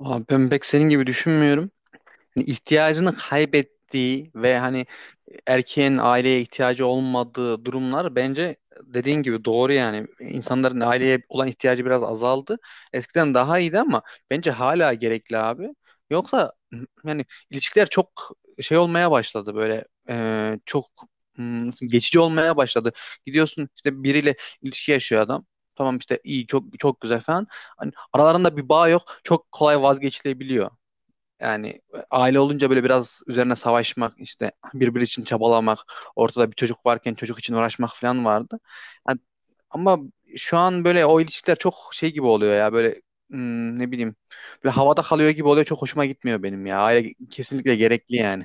Abi ben pek senin gibi düşünmüyorum. Hani ihtiyacını kaybettiği ve hani erkeğin aileye ihtiyacı olmadığı durumlar bence dediğin gibi doğru yani. İnsanların aileye olan ihtiyacı biraz azaldı. Eskiden daha iyiydi ama bence hala gerekli abi. Yoksa yani ilişkiler çok şey olmaya başladı böyle çok geçici olmaya başladı. Gidiyorsun işte biriyle ilişki yaşıyor adam. Tamam işte iyi çok çok güzel falan. Hani aralarında bir bağ yok. Çok kolay vazgeçilebiliyor. Yani aile olunca böyle biraz üzerine savaşmak, işte birbiri için çabalamak, ortada bir çocuk varken çocuk için uğraşmak falan vardı. Yani ama şu an böyle o ilişkiler çok şey gibi oluyor ya böyle ne bileyim, böyle havada kalıyor gibi oluyor, çok hoşuma gitmiyor benim ya. Aile kesinlikle gerekli yani.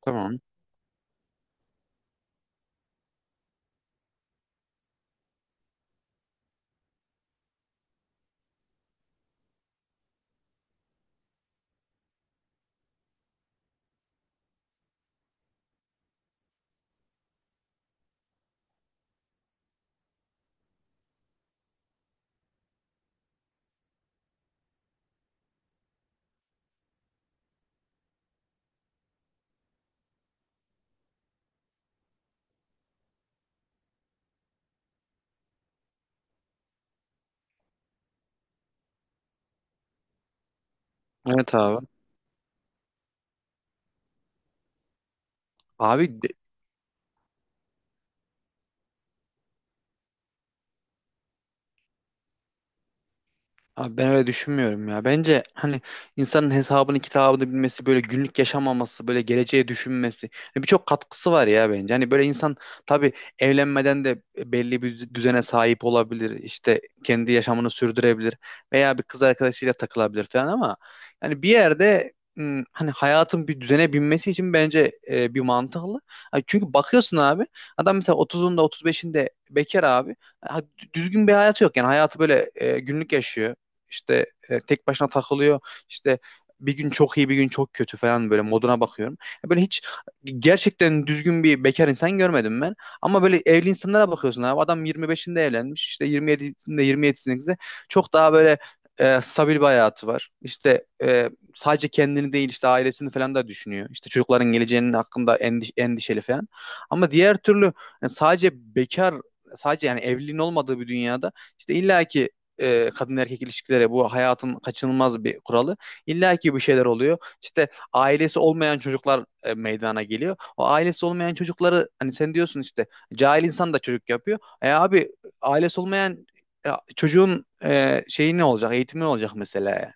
Tamam. Evet abi. Abi de- Abi ben öyle düşünmüyorum ya. Bence hani insanın hesabını kitabını bilmesi, böyle günlük yaşamaması, böyle geleceğe düşünmesi. Hani birçok katkısı var ya bence. Hani böyle insan tabii evlenmeden de belli bir düzene sahip olabilir. İşte kendi yaşamını sürdürebilir veya bir kız arkadaşıyla takılabilir falan, ama yani bir yerde hani hayatın bir düzene binmesi için bence bir mantıklı. Ha, çünkü bakıyorsun abi, adam mesela 30'unda 35'inde bekar abi. Ha, düzgün bir hayatı yok, yani hayatı böyle günlük yaşıyor, işte tek başına takılıyor. İşte bir gün çok iyi, bir gün çok kötü falan, böyle moduna bakıyorum. Böyle hiç gerçekten düzgün bir bekar insan görmedim ben. Ama böyle evli insanlara bakıyorsun abi. Adam 25'inde evlenmiş. İşte 27'sinde çok daha böyle stabil bir hayatı var. İşte sadece kendini değil işte ailesini falan da düşünüyor. İşte çocukların geleceğinin hakkında endişeli falan. Ama diğer türlü, yani sadece bekar, sadece yani evliliğin olmadığı bir dünyada, işte illaki kadın erkek ilişkileri bu hayatın kaçınılmaz bir kuralı. İlla ki bir şeyler oluyor. İşte ailesi olmayan çocuklar meydana geliyor. O ailesi olmayan çocukları, hani sen diyorsun işte cahil insan da çocuk yapıyor. E abi, ailesi olmayan e, çocuğun şeyi ne olacak? Eğitimi ne olacak mesela?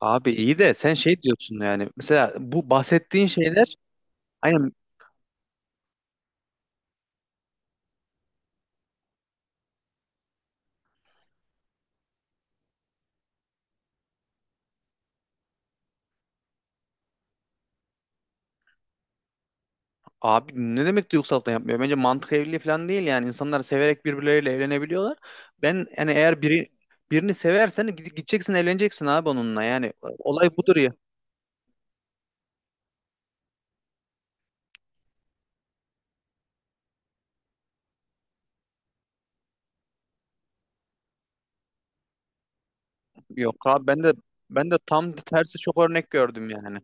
Abi iyi de sen şey diyorsun, yani mesela bu bahsettiğin şeyler aynen. Abi, ne demek duygusallıktan yapmıyor? Bence mantık evliliği falan değil yani. İnsanlar severek birbirleriyle evlenebiliyorlar. Ben yani eğer biri birini seversen gideceksin evleneceksin abi onunla. Yani olay budur ya. Yok abi, ben de ben de tam tersi çok örnek gördüm yani.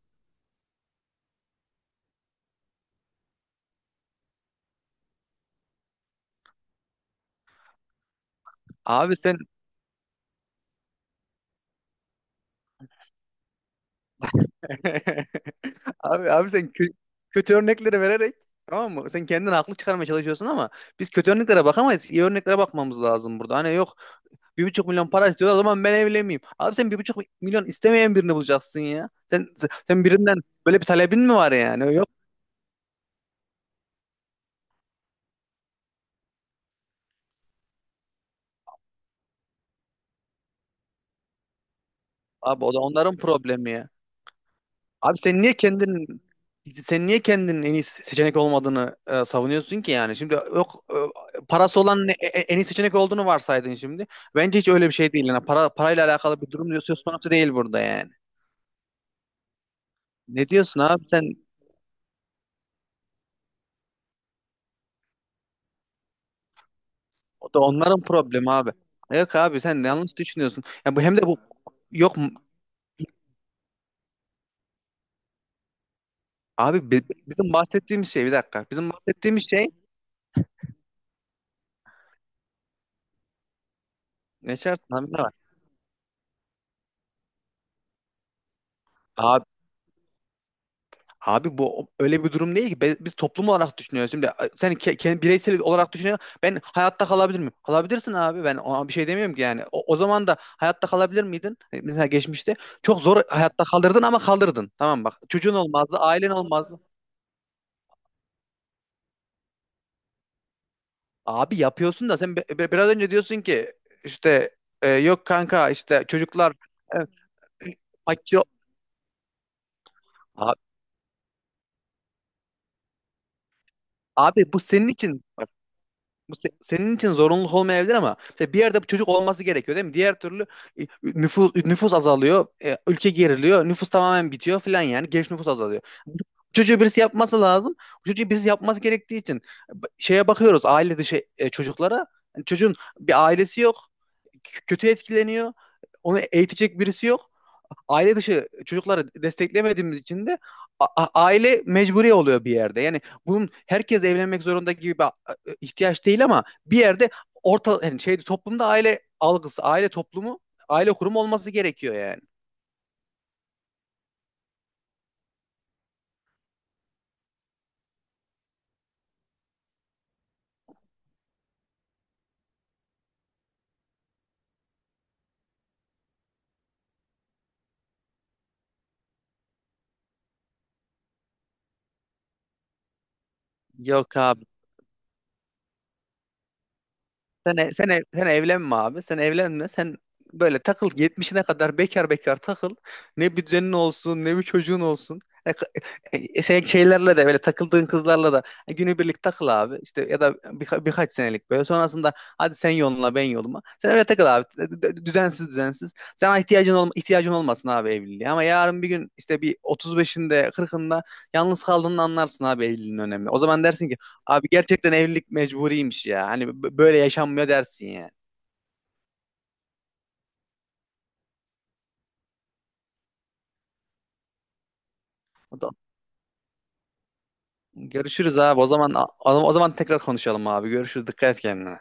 Abi sen abi sen kötü örnekleri vererek, tamam mı? Sen kendini haklı çıkarmaya çalışıyorsun ama biz kötü örneklere bakamayız. İyi örneklere bakmamız lazım burada. Hani yok, 1,5 milyon para istiyorlar, o zaman ben evlenmeyeyim. Abi sen 1,5 milyon istemeyen birini bulacaksın ya. Sen birinden böyle bir talebin mi var yani? Yok. Abi o da onların problemi ya. Abi sen niye kendin, sen niye kendinin en iyi seçenek olmadığını savunuyorsun ki yani? Şimdi, yok parası olan en iyi seçenek olduğunu varsaydın şimdi. Bence hiç öyle bir şey değil. Yani para, parayla alakalı bir durum diyor, söz konusu değil burada yani. Ne diyorsun abi sen? O da onların problemi abi. Yok abi, sen yanlış düşünüyorsun. Ya bu hem de bu yok. Abi bizim bahsettiğimiz şey, bir dakika. Bizim bahsettiğimiz şey ne, şart lan ne var? Abi, abi bu öyle bir durum değil ki. Biz, toplum olarak düşünüyoruz. Şimdi sen bireysel olarak düşünüyorsun. Ben hayatta kalabilir miyim? Kalabilirsin abi. Ben ona bir şey demiyorum ki yani. O, o zaman da hayatta kalabilir miydin? E, mesela geçmişte çok zor hayatta kalırdın ama kalırdın. Tamam bak. Çocuğun olmazdı, ailen olmazdı. Abi yapıyorsun da, sen biraz önce diyorsun ki işte yok kanka, işte çocuklar e, fakir. Abi, abi bu senin için. Bu senin için zorunluluk olmayabilir, ama mesela bir yerde bu çocuk olması gerekiyor değil mi? Diğer türlü nüfus azalıyor, ülke geriliyor, nüfus tamamen bitiyor falan, yani genç nüfus azalıyor. Bu çocuğu birisi yapması lazım. Bu çocuğu birisi yapması gerektiği için şeye bakıyoruz, aile dışı çocuklara. Yani çocuğun bir ailesi yok, kötü etkileniyor, onu eğitecek birisi yok. Aile dışı çocukları desteklemediğimiz için de aile mecburi oluyor bir yerde. Yani bunun herkes evlenmek zorunda gibi bir ihtiyaç değil, ama bir yerde orta, yani şeyde, toplumda aile algısı, aile toplumu, aile kurumu olması gerekiyor yani. Yok abi. Sen, sen evlenme abi. Sen evlenme. Sen böyle takıl, 70'ine kadar bekar bekar takıl. Ne bir düzenin olsun, ne bir çocuğun olsun. E, k- şeylerle de, böyle takıldığın kızlarla da günübirlik takıl abi. İşte, ya da birkaç senelik böyle. Sonrasında hadi sen yoluna ben yoluma. Sen öyle takıl abi. Düzensiz düzensiz. Sana ihtiyacın olmasın abi evliliğe. Ama yarın bir gün, işte bir 35'inde 40'ında yalnız kaldığını anlarsın abi, evliliğin önemi. O zaman dersin ki, abi gerçekten evlilik mecburiymiş ya. Hani böyle yaşanmıyor dersin yani. O da- Görüşürüz abi. O zaman tekrar konuşalım abi. Görüşürüz. Dikkat et kendine.